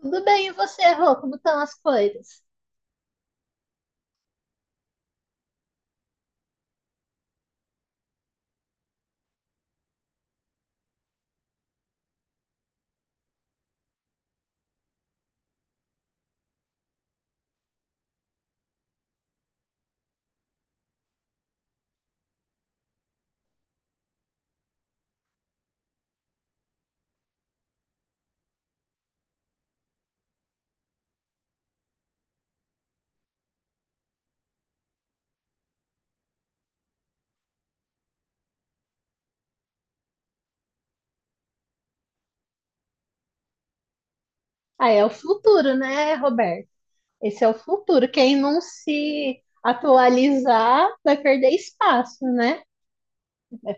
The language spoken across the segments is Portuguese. Tudo bem, e você, Rô? Como estão as coisas? Ah, é o futuro, né, Roberto? Esse é o futuro. Quem não se atualizar vai perder espaço, né? É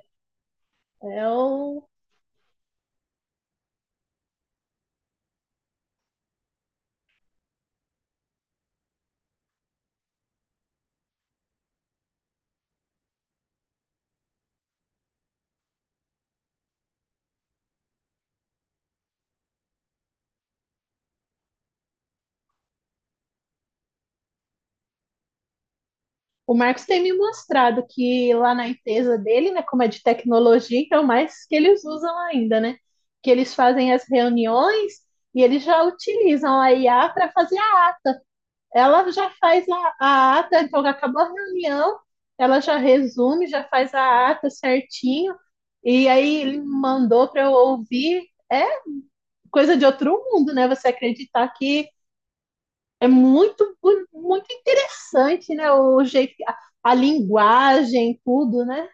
é o Marcos tem me mostrado que lá na empresa dele, né, como é de tecnologia, então mais que eles usam ainda, né? Que eles fazem as reuniões e eles já utilizam a IA para fazer, ela já faz a ata, então acabou a reunião, ela já resume, já faz a ata certinho, e aí ele mandou para eu ouvir. É coisa de outro mundo, né? Você acreditar que é muito, muito interessante, né? O jeito, a linguagem, tudo, né?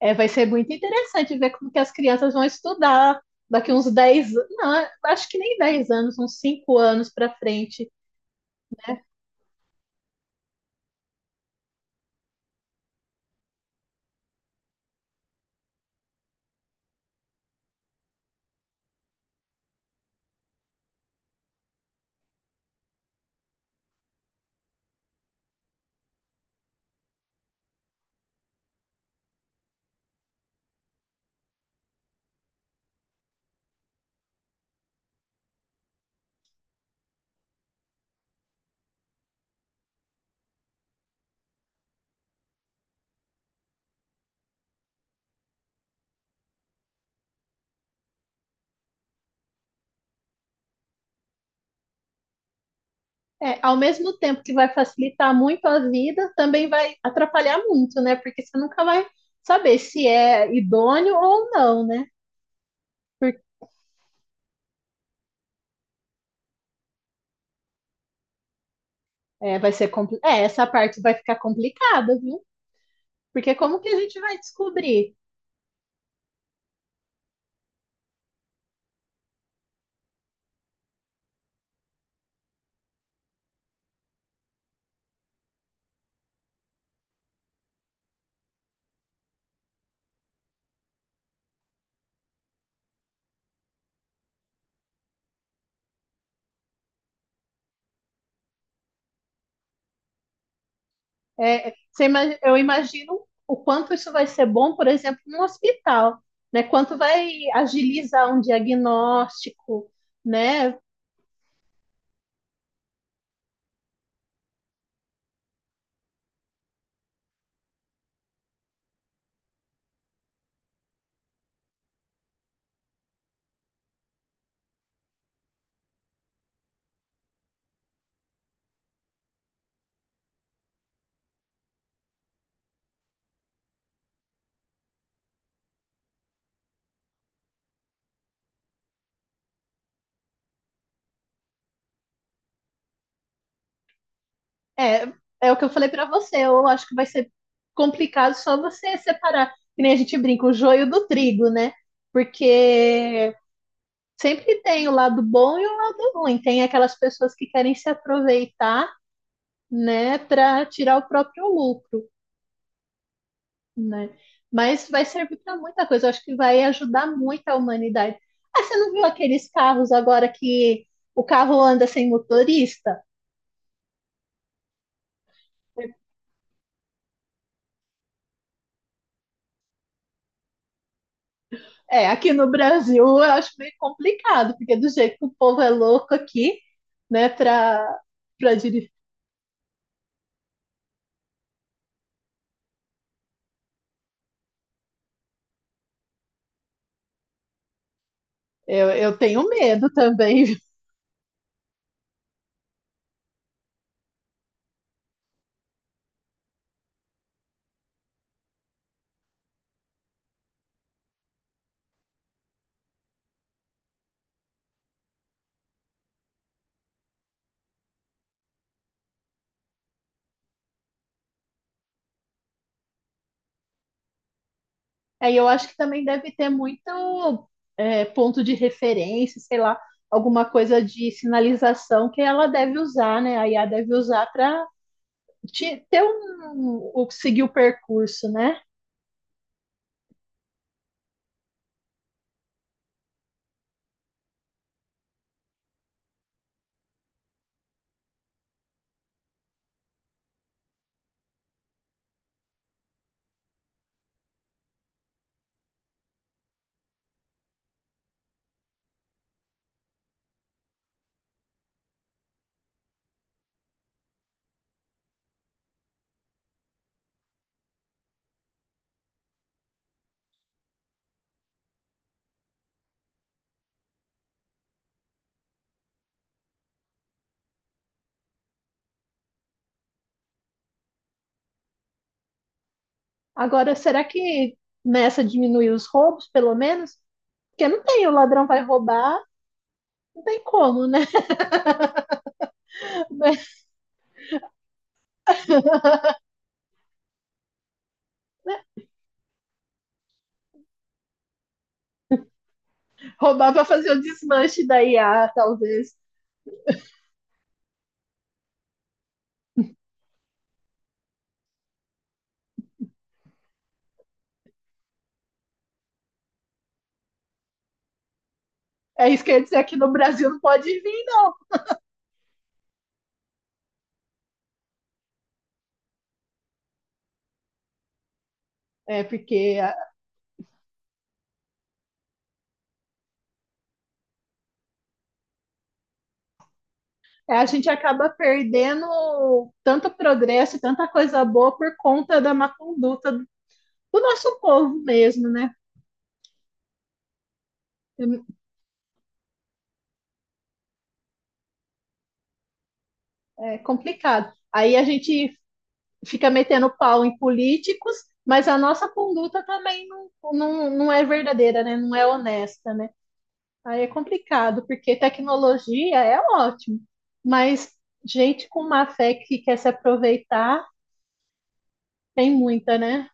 É, vai ser muito interessante ver como que as crianças vão estudar daqui uns 10, não, acho que nem 10 anos, uns 5 anos para frente. É, ao mesmo tempo que vai facilitar muito a vida, também vai atrapalhar muito, né? Porque você nunca vai saber se é idôneo ou não, né? Porque, é, vai ser é, essa parte vai ficar complicada, viu? Porque como que a gente vai descobrir? É, eu imagino o quanto isso vai ser bom, por exemplo, num hospital, né? Quanto vai agilizar um diagnóstico, né? É, é o que eu falei pra você. Eu acho que vai ser complicado só você separar, que nem a gente brinca, o joio do trigo, né? Porque sempre tem o lado bom e o lado ruim. Tem aquelas pessoas que querem se aproveitar, né, para tirar o próprio lucro, né? Mas vai servir para muita coisa. Eu acho que vai ajudar muito a humanidade. Ah, você não viu aqueles carros agora que o carro anda sem motorista? É, aqui no Brasil eu acho meio complicado, porque do jeito que o povo é louco aqui, né, para para dirigir. Eu tenho medo também. Viu? Aí eu acho que também deve ter muito, é, ponto de referência, sei lá, alguma coisa de sinalização que ela deve usar, né? A IA deve usar para ter um, o, seguir o percurso, né? Agora, será que nessa diminuir os roubos, pelo menos? Porque não tem, o ladrão vai roubar, não tem como, né? Roubar para fazer o desmanche da IA, talvez. É isso que eu ia dizer, aqui no Brasil não pode vir, não. É porque a, é, a gente acaba perdendo tanto progresso, tanta coisa boa por conta da má conduta do nosso povo mesmo, né? É é complicado. Aí a gente fica metendo pau em políticos, mas a nossa conduta também não, não é verdadeira, né? Não é honesta, né? Aí é complicado, porque tecnologia é ótimo, mas gente com má fé que quer se aproveitar tem muita, né?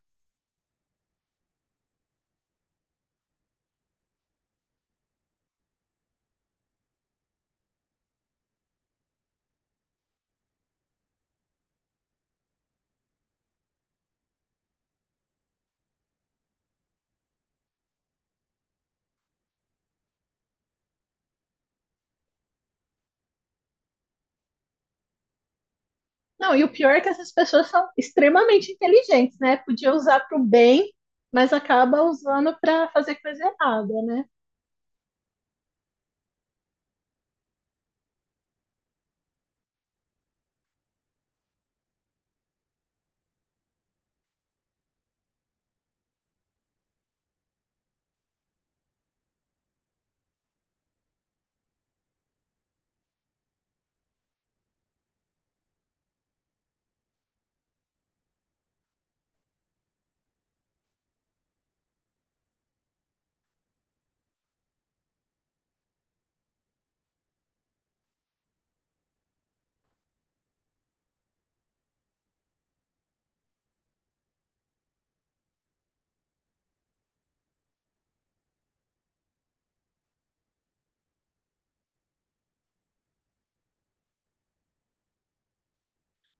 Não, e o pior é que essas pessoas são extremamente inteligentes, né? Podia usar para o bem, mas acaba usando para fazer coisa errada, né?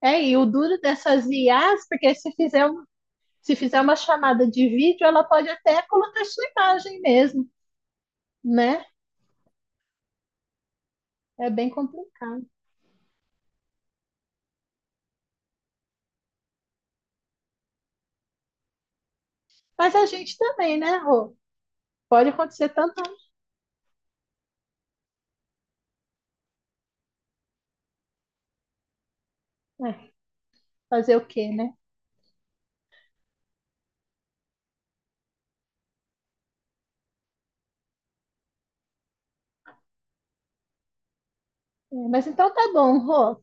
É, e o duro dessas IAs, porque se fizer, se fizer uma chamada de vídeo, ela pode até colocar sua imagem mesmo, né? É bem complicado. Mas a gente também, né, Rô? Pode acontecer tanto, né? Fazer o quê, né? É, mas então tá bom, Rô.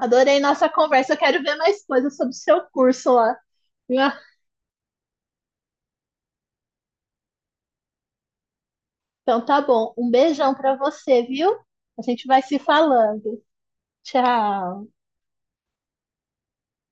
Adorei nossa conversa. Eu quero ver mais coisas sobre o seu curso lá, viu? Então tá bom. Um beijão pra você, viu? A gente vai se falando. Tchau.